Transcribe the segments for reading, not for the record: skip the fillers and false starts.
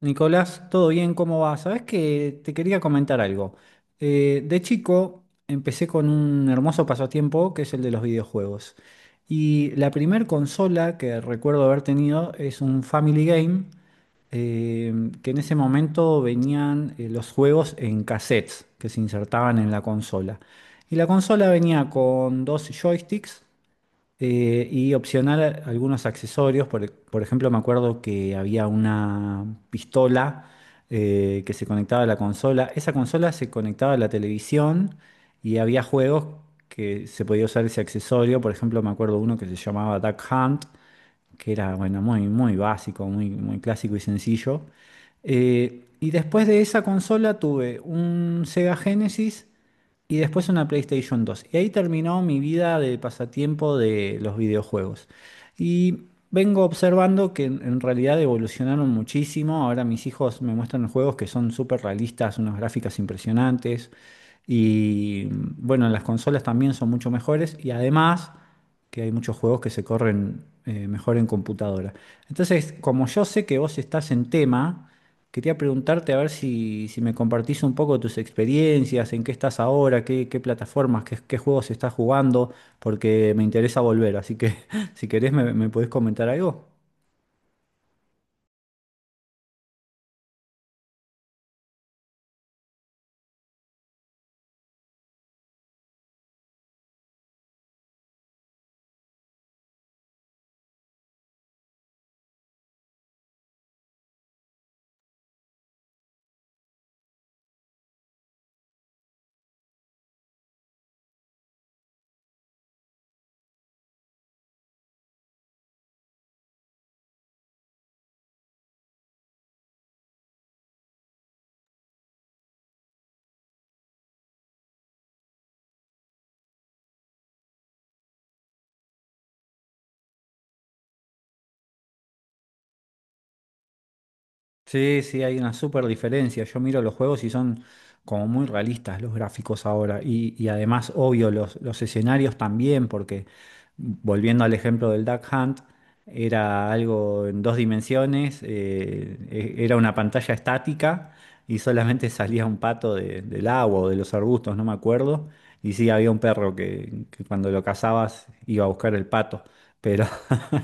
Nicolás, ¿todo bien? ¿Cómo va? Sabes que te quería comentar algo. De chico empecé con un hermoso pasatiempo que es el de los videojuegos. Y la primer consola que recuerdo haber tenido es un Family Game, eh, que en ese momento venían los juegos en cassettes que se insertaban en la consola. Y la consola venía con dos joysticks y opcional algunos accesorios, por ejemplo, me acuerdo que había una pistola que se conectaba a la consola. Esa consola se conectaba a la televisión y había juegos que se podía usar ese accesorio. Por ejemplo, me acuerdo uno que se llamaba Duck Hunt, que era, bueno, muy, muy básico, muy, muy clásico y sencillo. Y después de esa consola tuve un Sega Genesis y después una PlayStation 2. Y ahí terminó mi vida de pasatiempo de los videojuegos. Y vengo observando que en realidad evolucionaron muchísimo. Ahora mis hijos me muestran juegos que son súper realistas, unas gráficas impresionantes. Y bueno, las consolas también son mucho mejores. Y además que hay muchos juegos que se corren mejor en computadora. Entonces, como yo sé que vos estás en tema, quería preguntarte a ver si, me compartís un poco tus experiencias, en qué estás ahora, qué plataformas, qué juegos estás jugando, porque me interesa volver. Así que si querés, me podés comentar algo. Sí, sí, hay una súper diferencia. Yo miro los juegos y son como muy realistas los gráficos ahora. Y además, obvio, los escenarios también, porque volviendo al ejemplo del Duck Hunt, era algo en dos dimensiones, era una pantalla estática y solamente salía un pato del agua o de los arbustos, no me acuerdo. Y sí, había un perro que cuando lo cazabas iba a buscar el pato. Pero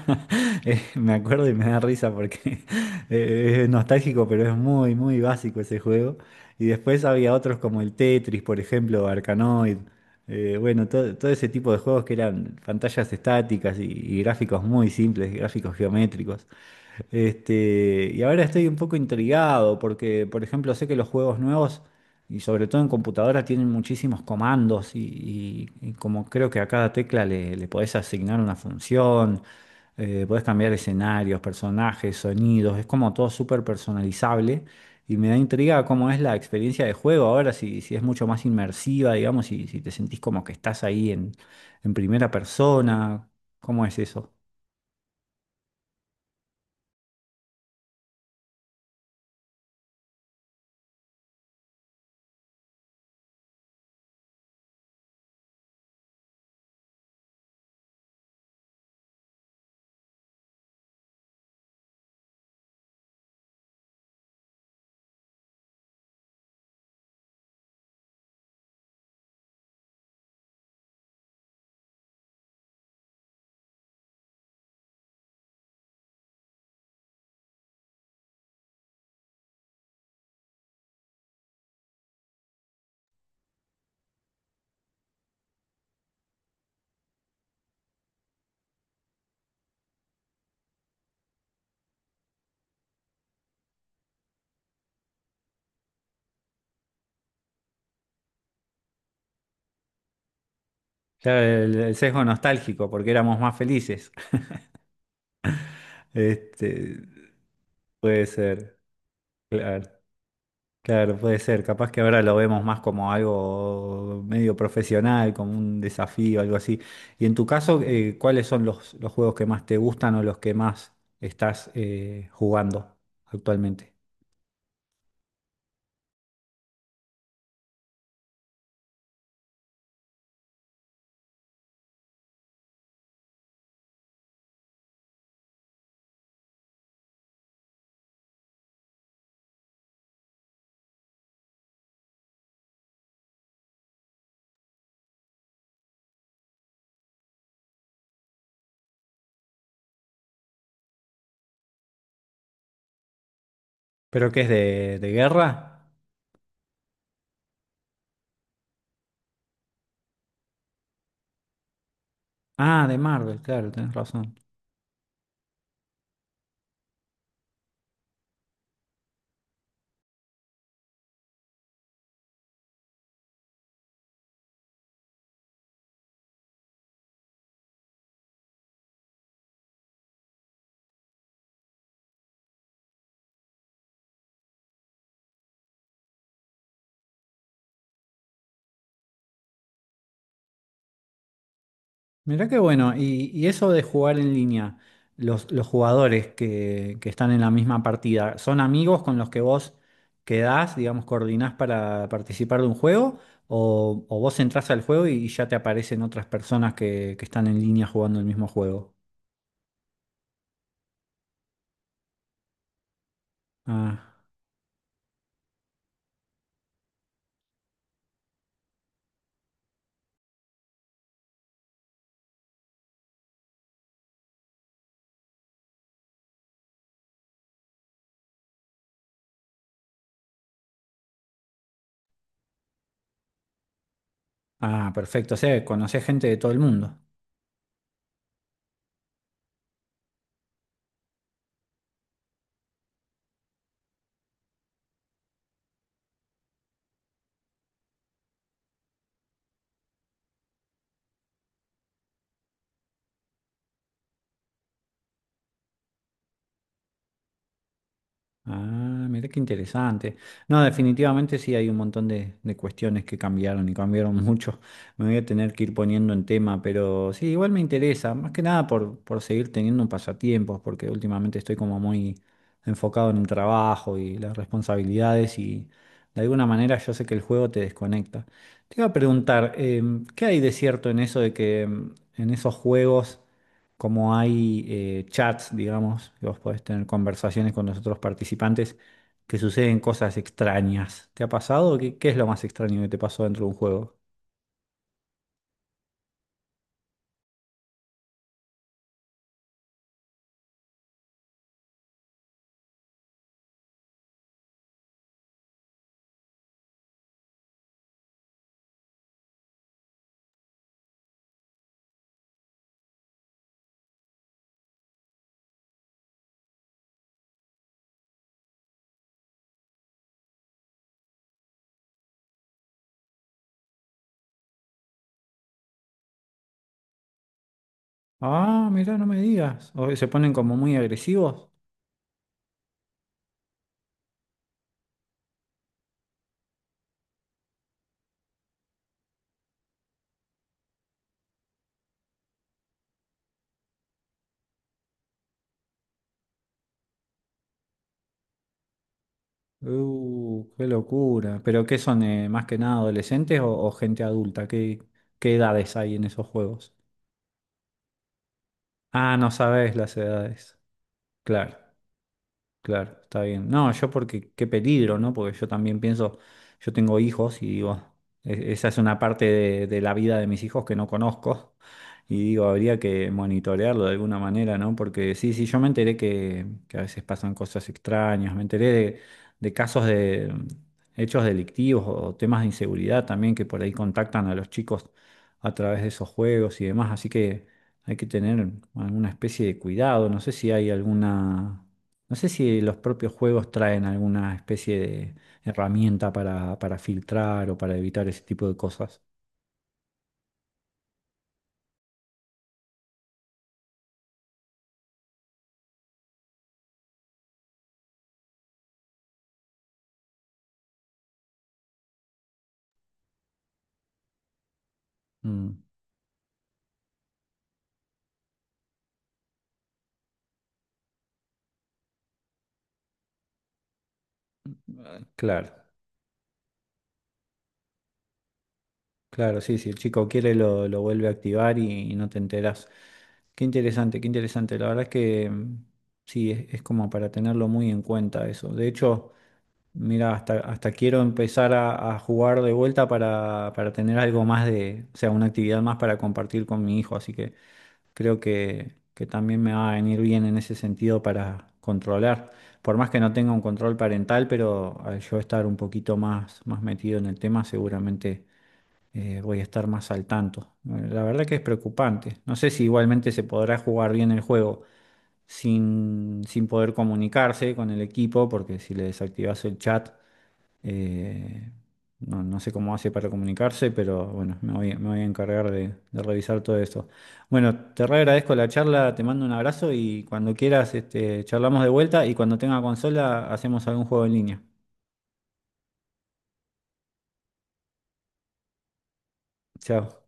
me acuerdo y me da risa porque Es nostálgico, pero es muy, muy básico ese juego. Y después había otros como el Tetris, por ejemplo, Arkanoid. Bueno, todo ese tipo de juegos que eran pantallas estáticas y gráficos muy simples, gráficos geométricos. Y ahora estoy un poco intrigado porque, por ejemplo, sé que los juegos nuevos, y sobre todo en computadora, tienen muchísimos comandos y como creo que a cada tecla le podés asignar una función, podés cambiar escenarios, personajes, sonidos, es como todo súper personalizable y me da intriga cómo es la experiencia de juego ahora, si, es mucho más inmersiva, digamos, y si te sentís como que estás ahí en primera persona, ¿cómo es eso? Claro, el sesgo nostálgico, porque éramos más felices. Este, puede ser, claro, claro, puede ser. Capaz que ahora lo vemos más como algo medio profesional, como un desafío, algo así. Y en tu caso, ¿cuáles son los, juegos que más te gustan o los que más estás jugando actualmente? ¿Pero qué es de guerra? Ah, de Marvel, claro, tenés razón. Mirá qué bueno, y eso de jugar en línea, los, jugadores que están en la misma partida, ¿son amigos con los que vos quedás, digamos, coordinás para participar de un juego? ¿O vos entrás al juego y, ya te aparecen otras personas que están en línea jugando el mismo juego? Ah, ah, perfecto, o sea, conocés gente de todo el mundo. Ah, mira qué interesante. No, definitivamente sí hay un montón de cuestiones que cambiaron y cambiaron mucho. Me voy a tener que ir poniendo en tema, pero sí, igual me interesa, más que nada por seguir teniendo un pasatiempos, porque últimamente estoy como muy enfocado en el trabajo y las responsabilidades y de alguna manera yo sé que el juego te desconecta. Te iba a preguntar, ¿qué hay de cierto en eso de que en esos juegos como hay chats, digamos, que vos podés tener conversaciones con los otros participantes, que suceden cosas extrañas. ¿Te ha pasado? ¿Qué es lo más extraño que te pasó dentro de un juego? Ah, mirá, no me digas. O se ponen como muy agresivos. Qué locura. ¿Pero qué son, más que nada adolescentes o, gente adulta? ¿Qué edades hay en esos juegos? Ah, no sabes las edades. Claro. Claro, está bien. No, yo porque qué peligro, ¿no? Porque yo también pienso, yo tengo hijos y digo, esa es una parte de la vida de mis hijos que no conozco y digo, habría que monitorearlo de alguna manera, ¿no? Porque sí, sí, yo me enteré que a veces pasan cosas extrañas, me enteré de, casos de hechos delictivos o temas de inseguridad también que por ahí contactan a los chicos a través de esos juegos y demás, así que hay que tener alguna especie de cuidado, no sé si hay alguna... No sé si los propios juegos traen alguna especie de herramienta para filtrar o para evitar ese tipo de cosas. Mm, claro, claro, sí, si el chico quiere lo, vuelve a activar y no te enterás. Qué interesante, qué interesante. La verdad es que sí, es como para tenerlo muy en cuenta eso. De hecho, mira, hasta quiero empezar a jugar de vuelta para tener algo más de, o sea, una actividad más para compartir con mi hijo. Así que creo que también me va a venir bien en ese sentido para controlar. Por más que no tenga un control parental, pero al yo estar un poquito más, más metido en el tema, seguramente voy a estar más al tanto. La verdad que es preocupante. No sé si igualmente se podrá jugar bien el juego sin, poder comunicarse con el equipo, porque si le desactivas el chat eh, no, no sé cómo hace para comunicarse, pero bueno, me voy, a encargar de revisar todo esto. Bueno, te re agradezco la charla, te mando un abrazo y cuando quieras, charlamos de vuelta y cuando tenga consola hacemos algún juego en línea. Chao.